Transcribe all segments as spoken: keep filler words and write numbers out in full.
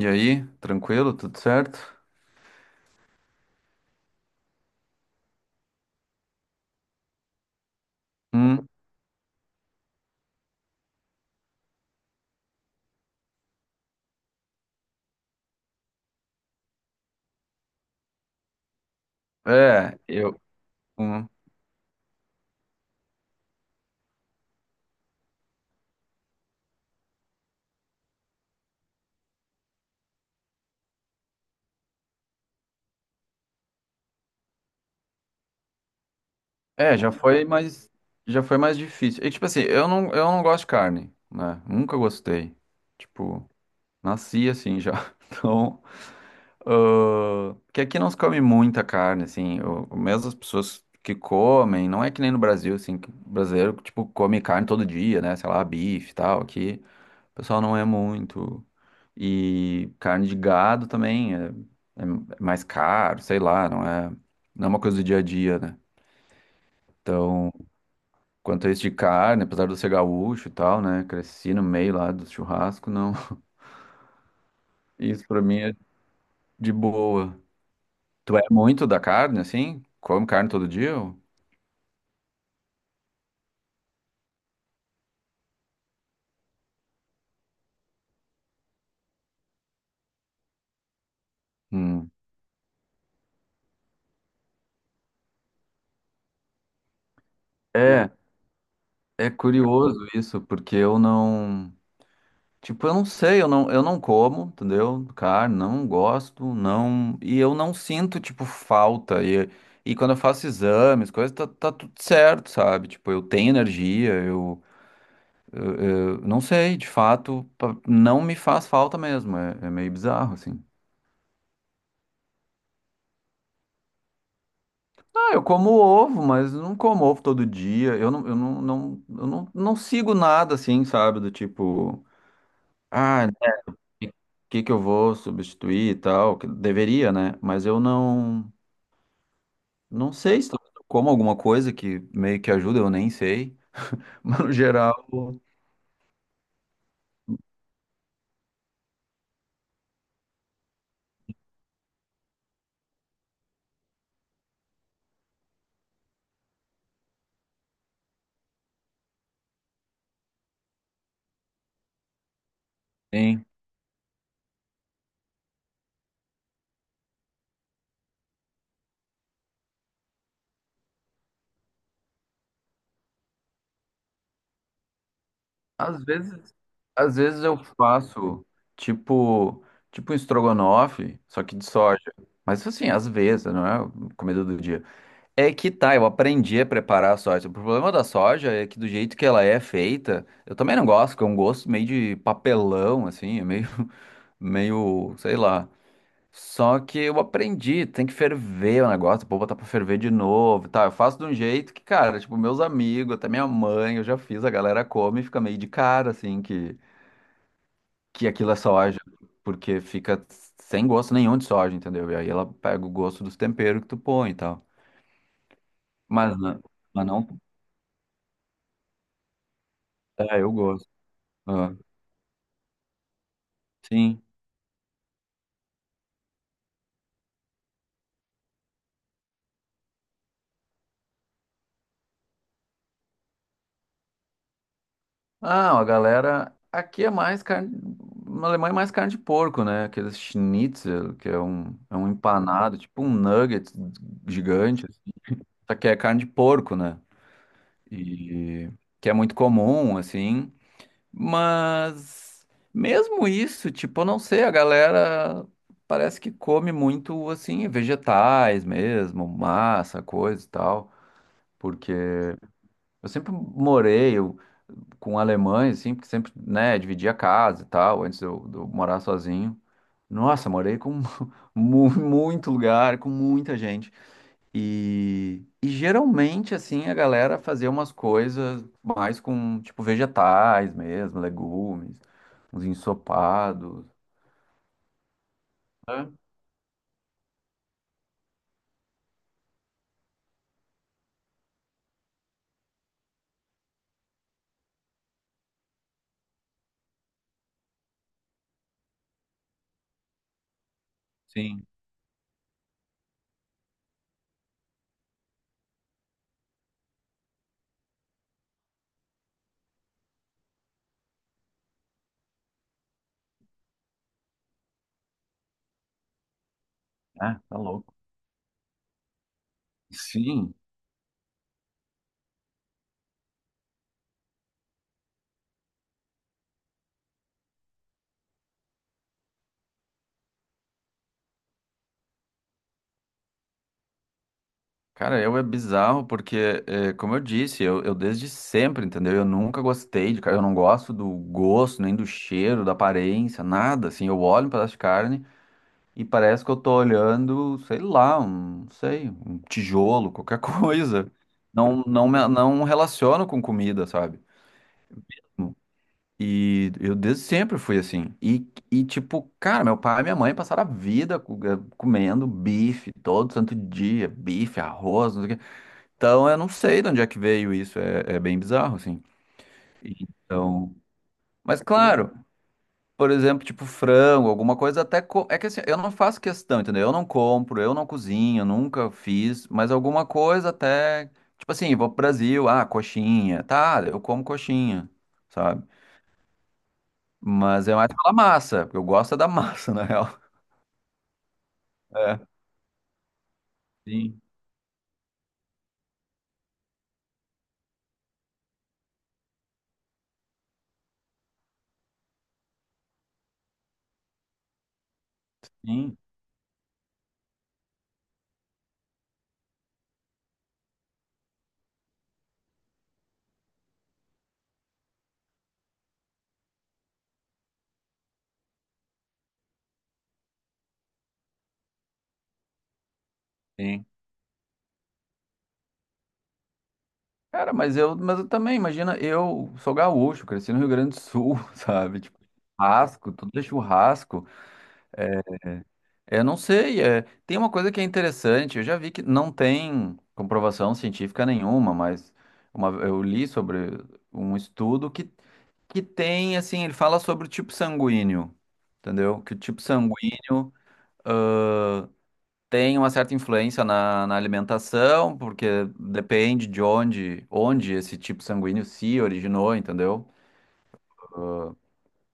E aí, tranquilo? Tudo certo? Hum, é, eu. hum, é, já foi mais. Já foi mais difícil. E, tipo assim, eu não, eu não gosto de carne, né? Nunca gostei. Tipo, nasci assim já. Então, ah, que aqui não se come muita carne, assim. O- o Mesmo as pessoas que comem, não é que nem no Brasil, assim, que o brasileiro, tipo, come carne todo dia, né? Sei lá, bife e tal, aqui. O pessoal não é muito. E carne de gado também é, é é mais caro, sei lá, não é, não é uma coisa do dia a dia, né? Então, quanto a isso de carne, apesar de eu ser gaúcho e tal, né? Cresci no meio lá do churrasco, não. Isso pra mim é de boa. Tu é muito da carne, assim? Come carne todo dia? Ou... Hum. É, é curioso isso, porque eu não. Tipo, eu não sei, eu não, eu não como, entendeu? Carne, não gosto, não. E eu não sinto, tipo, falta. E, e quando eu faço exames, coisas, tá, tá tudo certo, sabe? Tipo, eu tenho energia, eu, eu não sei, de fato, pa- não me faz falta mesmo. É, é meio bizarro, assim. Ah, eu como ovo, mas eu não como ovo todo dia. Eu não, eu não, não, eu não, não sigo nada, assim, sabe? Do tipo, ah, o que que eu vou substituir e tal? Que deveria, né? Mas eu não. Não sei se talvez eu como alguma coisa que meio que ajuda, eu nem sei. Mas no geral, sim. Às vezes, às vezes eu faço tipo, tipo um estrogonofe, só que de soja. Mas assim, às vezes, não é comida do dia. É que tá, eu aprendi a preparar a soja. O problema da soja é que do jeito que ela é feita, eu também não gosto, que é um gosto meio de papelão, assim, é meio, meio, sei lá. Só que eu aprendi, tem que ferver o negócio, vou botar pra ferver de novo, tá? Eu faço de um jeito que, cara, tipo, meus amigos, até minha mãe, eu já fiz, a galera come e fica meio de cara, assim, que, que aquilo é soja, porque fica sem gosto nenhum de soja, entendeu? E aí ela pega o gosto dos temperos que tu põe e tal. Mas, não- mas não, é, eu gosto. Ah, sim. Ah, a galera. Aqui é mais carne. Na Alemanha é mais carne de porco, né? Aqueles schnitzel, que é um, é um empanado, tipo um nugget gigante. Só que é carne de porco, né? E que é muito comum, assim. Mas mesmo isso, tipo, eu não sei, a galera parece que come muito, assim, vegetais mesmo, massa, coisa e tal. Porque eu sempre morei com alemães, assim, porque sempre, né, dividia casa e tal, antes de eu, de eu morar sozinho. Nossa, morei com mu- muito lugar, com muita gente. E, e geralmente, assim, a galera fazia umas coisas mais com, tipo, vegetais mesmo, legumes, uns ensopados, né? Sim. É, tá louco. Sim. Cara, eu é bizarro porque, é, como eu disse, eu, eu desde sempre, entendeu? Eu nunca gostei de carne, eu não gosto do gosto, nem do cheiro, da aparência, nada. Assim, eu olho um pedaço de carne e parece que eu tô olhando, sei lá, um, não sei, um tijolo, qualquer coisa. Não, não, me- não relaciono com comida, sabe? E eu desde sempre fui assim. E, e tipo, cara, meu pai e minha mãe passaram a vida co- eh, comendo bife todo santo dia, bife, arroz, não sei o quê. Então, eu não sei de onde é que veio isso, é, é bem bizarro, assim. Então, mas claro, por exemplo, tipo frango, alguma coisa até co- é que assim, eu não faço questão, entendeu? Eu não compro, eu não cozinho, nunca fiz, mas alguma coisa até, tipo assim, vou pro Brasil, ah, coxinha, tá, eu como coxinha, sabe? Mas é mais pela massa, porque eu gosto é da massa, na real. É, sim, sim, sim. Cara, mas eu, mas eu também, imagina, eu sou gaúcho, cresci no Rio Grande do Sul, sabe? Tipo, churrasco, tudo é churrasco. É, eu não sei, é, tem uma coisa que é interessante, eu já vi que não tem comprovação científica nenhuma, mas uma, eu li sobre um estudo que, que tem, assim, ele fala sobre o tipo sanguíneo, entendeu? Que o tipo sanguíneo tem uma certa influência na, na alimentação, porque depende de onde, onde esse tipo sanguíneo se originou, entendeu?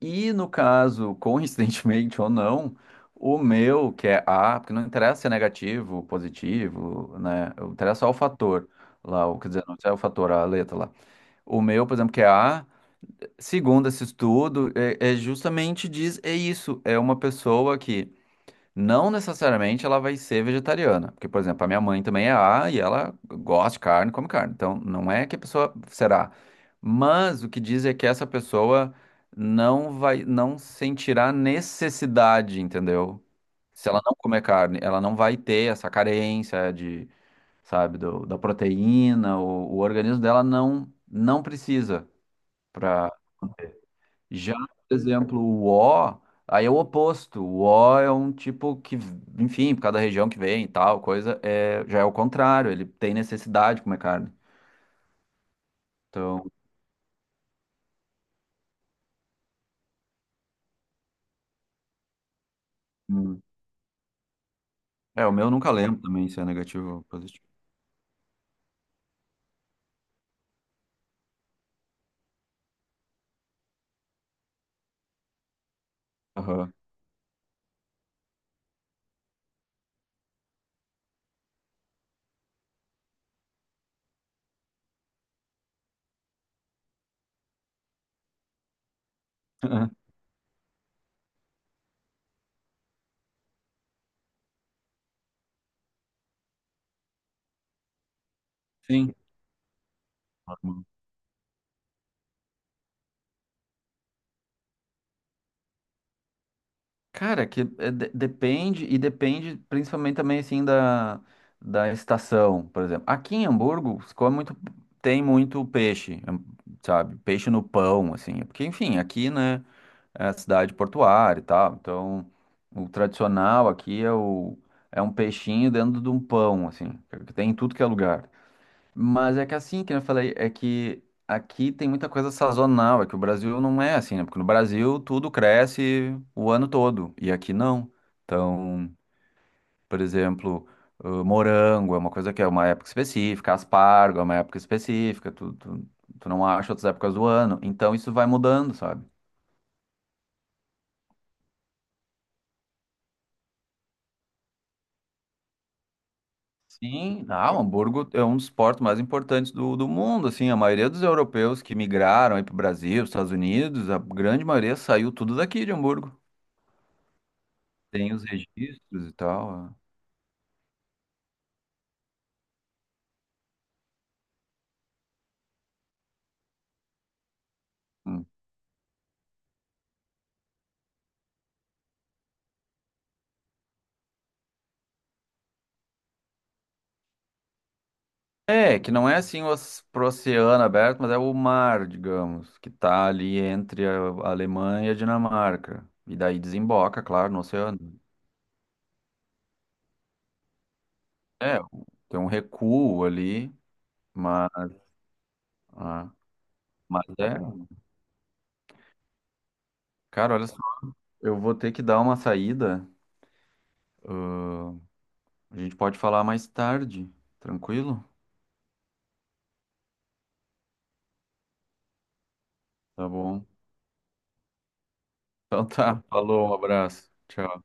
E no caso, coincidentemente ou não, o meu, que é A, porque não interessa se é negativo, positivo, né? Interessa só o fator lá, o, quer dizer, não é o fator, a letra lá. O meu, por exemplo, que é A, segundo esse estudo, é, é justamente diz, é isso, é uma pessoa que não necessariamente ela vai ser vegetariana, porque, por exemplo, a minha mãe também é A e ela gosta de carne, come carne. Então, não é que a pessoa será. Mas o que diz é que essa pessoa não vai, não sentirá necessidade, entendeu? Se ela não comer carne, ela não vai ter essa carência de, sabe, do- da proteína, o, o organismo dela não não precisa já, por exemplo, o O, aí é o oposto. O O é um tipo que, enfim, por cada região que vem e tal, coisa, é, já é o contrário, ele tem necessidade de comer carne. Então, hum, é, o meu eu nunca lembro também se é negativo ou positivo. Aham. Sim. Cara, que é, de- depende, e depende principalmente também, assim, da, da estação, por exemplo. Aqui em Hamburgo, se come muito, tem muito peixe, hum, sabe? Peixe no pão, assim. Porque, enfim, aqui, né? É a cidade portuária e tal. Então, o tradicional aqui é o é um peixinho dentro de um pão, assim, que tem em tudo que é lugar. Mas é que assim, que eu falei, é que aqui tem muita coisa sazonal, é que o Brasil não é assim, né? Porque no Brasil tudo cresce o ano todo e aqui não. Então, por exemplo, ãh, morango é uma coisa que é uma época específica, aspargo é uma época específica, tu, tu, tu não acha outras épocas do ano. Então isso vai mudando, sabe? Sim, ah, o Hamburgo é um dos portos mais importantes do, do mundo, assim, a maioria dos europeus que migraram aí para o Brasil, os Estados Unidos, a grande maioria saiu tudo daqui de Hamburgo. Tem os registros e tal. É. Hum. É, que não é assim o oce- pro oceano aberto, mas é o mar, digamos, que tá ali entre a a Alemanha e a Dinamarca. E daí desemboca, claro, no oceano. É, tem um recuo ali, mas, ah, mas é, cara, olha só, eu vou ter que dar uma saída. A gente pode falar mais tarde, tranquilo? Tá bom. Então tá, falou, um abraço. Tchau.